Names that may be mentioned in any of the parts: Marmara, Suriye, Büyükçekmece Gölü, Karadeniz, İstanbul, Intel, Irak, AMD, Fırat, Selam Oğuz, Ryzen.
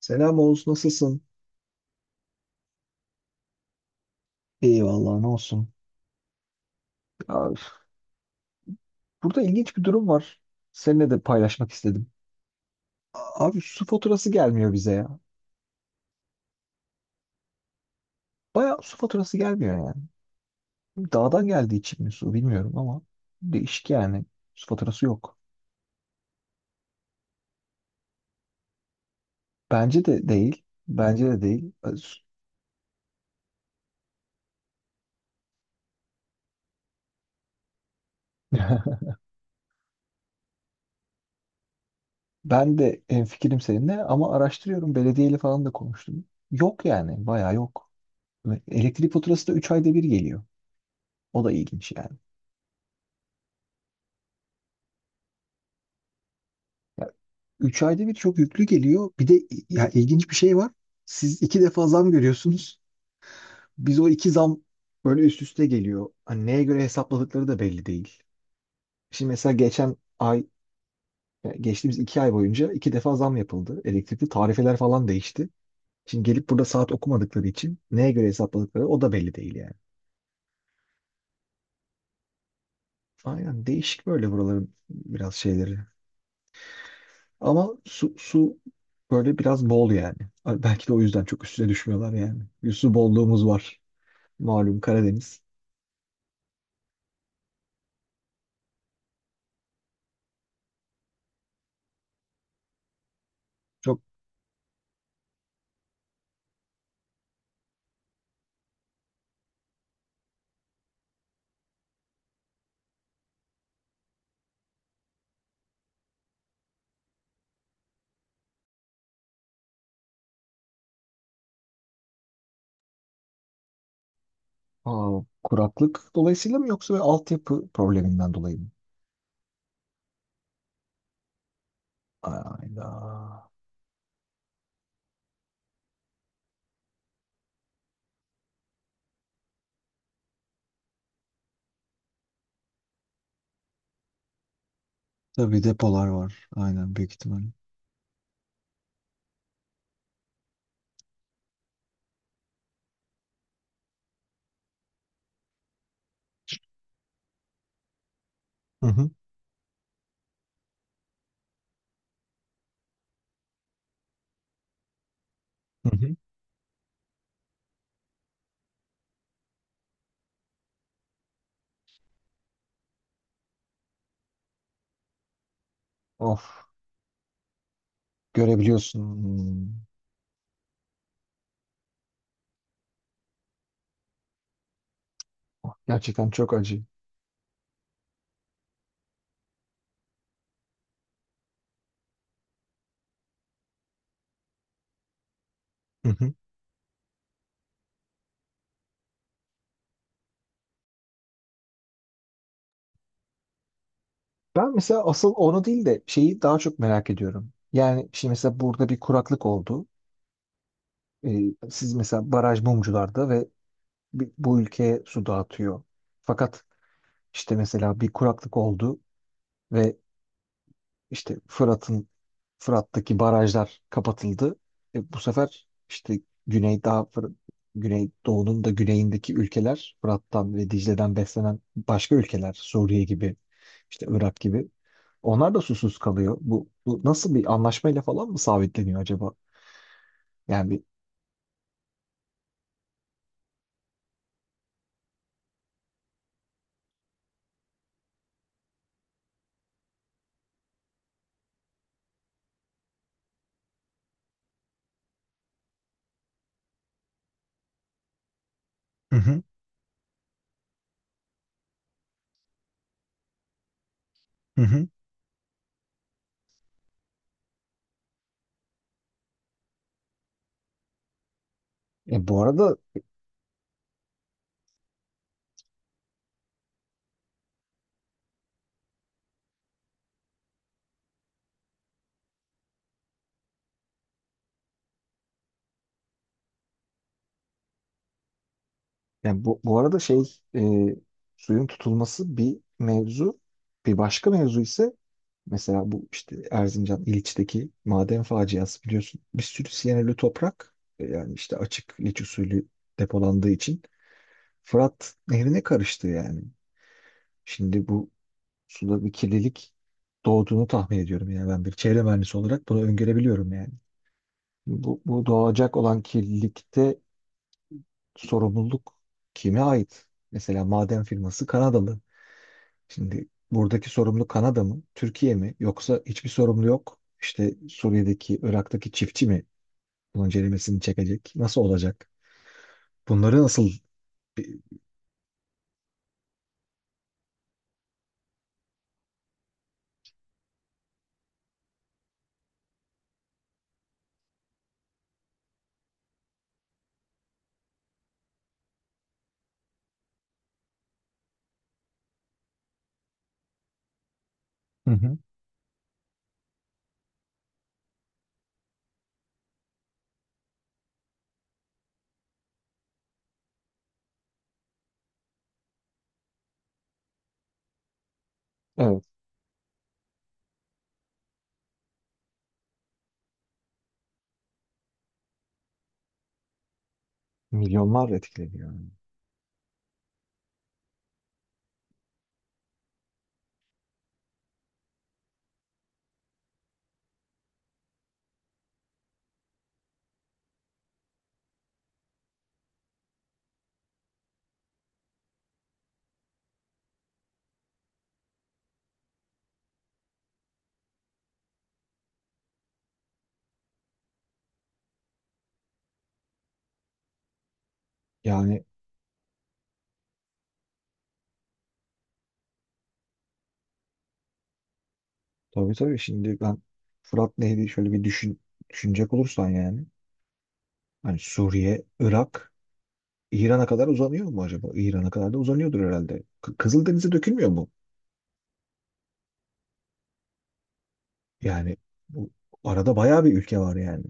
Selam Oğuz, nasılsın? Eyvallah ne olsun. Abi, burada ilginç bir durum var. Seninle de paylaşmak istedim. Abi su faturası gelmiyor bize ya. Bayağı su faturası gelmiyor yani. Dağdan geldiği için mi su bilmiyorum ama değişik yani. Su faturası yok. Bence de değil. Bence de değil. Öz- Ben de hemfikirim seninle ama araştırıyorum. Belediyeyle falan da konuştum. Yok yani. Bayağı yok. Ve elektrik faturası da 3 ayda bir geliyor. O da ilginç yani. 3 ayda bir çok yüklü geliyor. Bir de ya ilginç bir şey var. Siz iki defa zam görüyorsunuz. Biz o iki zam böyle üst üste geliyor. Hani neye göre hesapladıkları da belli değil. Şimdi mesela geçen ay, yani geçtiğimiz iki ay boyunca iki defa zam yapıldı. Elektrikli tarifeler falan değişti. Şimdi gelip burada saat okumadıkları için neye göre hesapladıkları o da belli değil yani. Aynen değişik böyle buraların biraz şeyleri. Ama su böyle biraz bol yani. Belki de o yüzden çok üstüne düşmüyorlar yani. Bir su bolluğumuz var. Malum Karadeniz. Çok kuraklık dolayısıyla mı yoksa böyle altyapı probleminden dolayı mı? Ayda. Tabii depolar var. Aynen büyük ihtimalle. Hı hı. Hı hı. Of görebiliyorsun. Hmm. Of, gerçekten çok acı. Hı hı. Ben mesela asıl onu değil de şeyi daha çok merak ediyorum. Yani şimdi mesela burada bir kuraklık oldu. Siz mesela baraj mumcularda ve bi- bu ülkeye su dağıtıyor. Fakat işte mesela bir kuraklık oldu ve İşte Fırat'ın Fırat'taki barajlar kapatıldı. Bu sefer işte güney daha Fır- Güneydoğu'nun da güneyindeki ülkeler Fırat'tan ve Dicle'den beslenen başka ülkeler Suriye gibi işte Irak gibi onlar da susuz kalıyor. Bu nasıl bir anlaşmayla falan mı sabitleniyor acaba? Yani bir. Hı hı. Hı hı. E, bu arada yani bu arada şey suyun tutulması bir mevzu. Bir başka mevzu ise mesela bu işte Erzincan İliç'teki maden faciası biliyorsun. Bir sürü siyanürlü toprak yani işte açık liç usulü depolandığı için Fırat Nehri'ne karıştı yani. Şimdi bu suda bir kirlilik doğduğunu tahmin ediyorum yani ben bir çevre mühendisi olarak bunu öngörebiliyorum yani. Bu doğacak olan kirlilikte sorumluluk kime ait? Mesela maden firması Kanadalı. Şimdi buradaki sorumlu Kanada mı, Türkiye mi yoksa hiçbir sorumlu yok? İşte Suriye'deki, Irak'taki çiftçi mi bunun ceremesini çekecek? Nasıl olacak? Bunları nasıl. Hı hı. Evet, milyonlar etkileniyor. Yani tabii tabii şimdi ben Fırat Nehri şöyle bir düşün, düşünecek olursan yani hani Suriye, Irak, İran'a kadar uzanıyor mu acaba? İran'a kadar da uzanıyordur herhalde. K- Kızıldeniz'e dökülmüyor mu? Yani bu arada bayağı bir ülke var yani.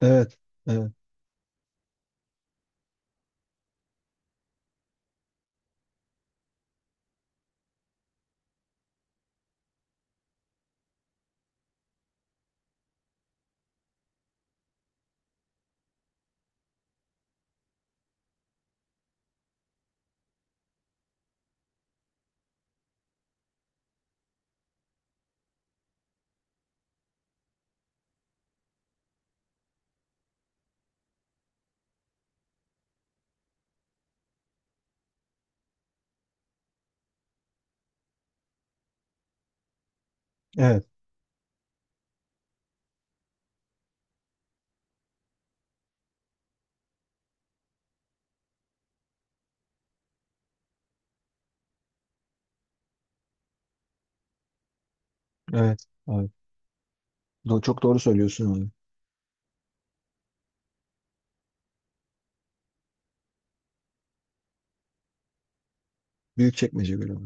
Evet, evet, evet, evet. Abi. Do- çok doğru söylüyorsun abi. Büyükçekmece Gölü var.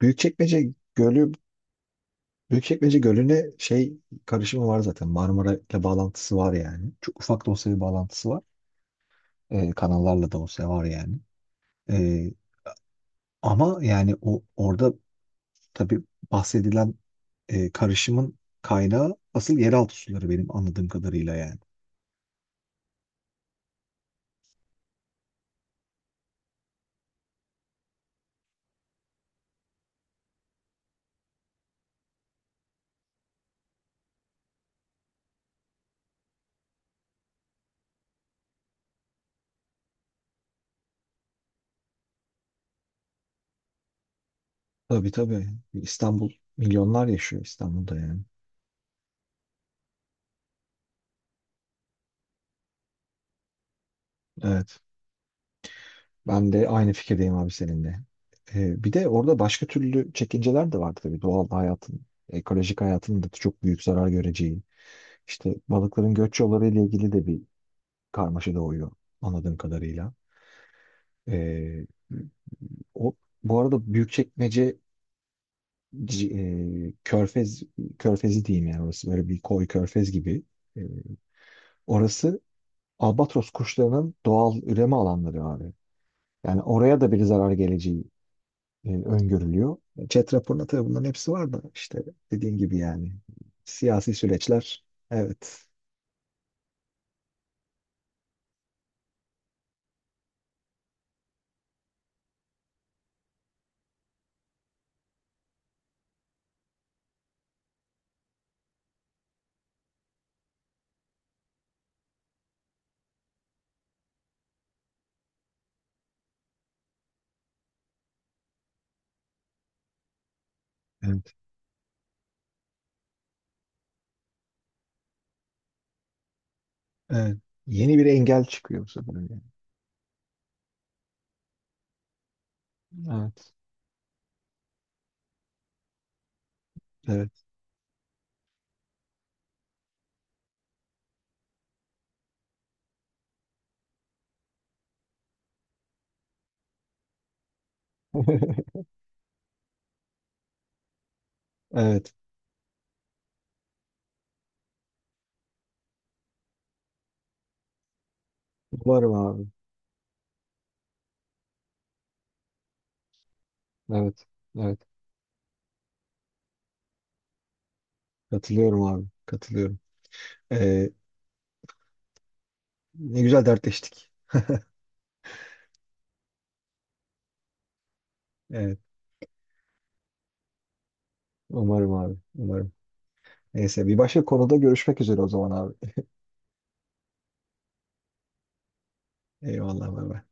Büyükçekmece Gölü, Büyükçekmece Gölü'ne şey karışımı var zaten. Marmara ile bağlantısı var yani. Çok ufak da olsa bir bağlantısı var. Kanallarla da olsa var yani. Ee, Ama yani o orada tabii bahsedilen karışımın kaynağı asıl yeraltı suları benim anladığım kadarıyla yani. Tabii tabii. İstanbul milyonlar yaşıyor İstanbul'da yani. Evet. Ben de aynı fikirdeyim abi seninle. Bir de orada başka türlü çekinceler de var tabii. Doğal hayatın, ekolojik hayatın da çok büyük zarar göreceği. İşte balıkların göç yolları ile ilgili de bir karmaşa doğuyor anladığım kadarıyla. Ee, o, bu arada Büyükçekmece c- Körfez Körfezi diyeyim yani orası böyle bir koy körfez gibi. Ee, orası albatros kuşlarının doğal üreme alanları abi. Yani oraya da bir zarar geleceği öngörülüyor. Chat raporunda tabii bunların hepsi var da işte dediğim gibi yani siyasi süreçler. Evet. Evet. Evet. Yeni bir engel çıkıyor bu sefer yani. Evet. Evet. Evet. Umarım abi. Evet. Evet. Katılıyorum abi. Katılıyorum. Ee, ne güzel dertleştik. Evet. Umarım abi. Umarım. Neyse bir başka konuda görüşmek üzere o zaman abi. Eyvallah. Bay bay.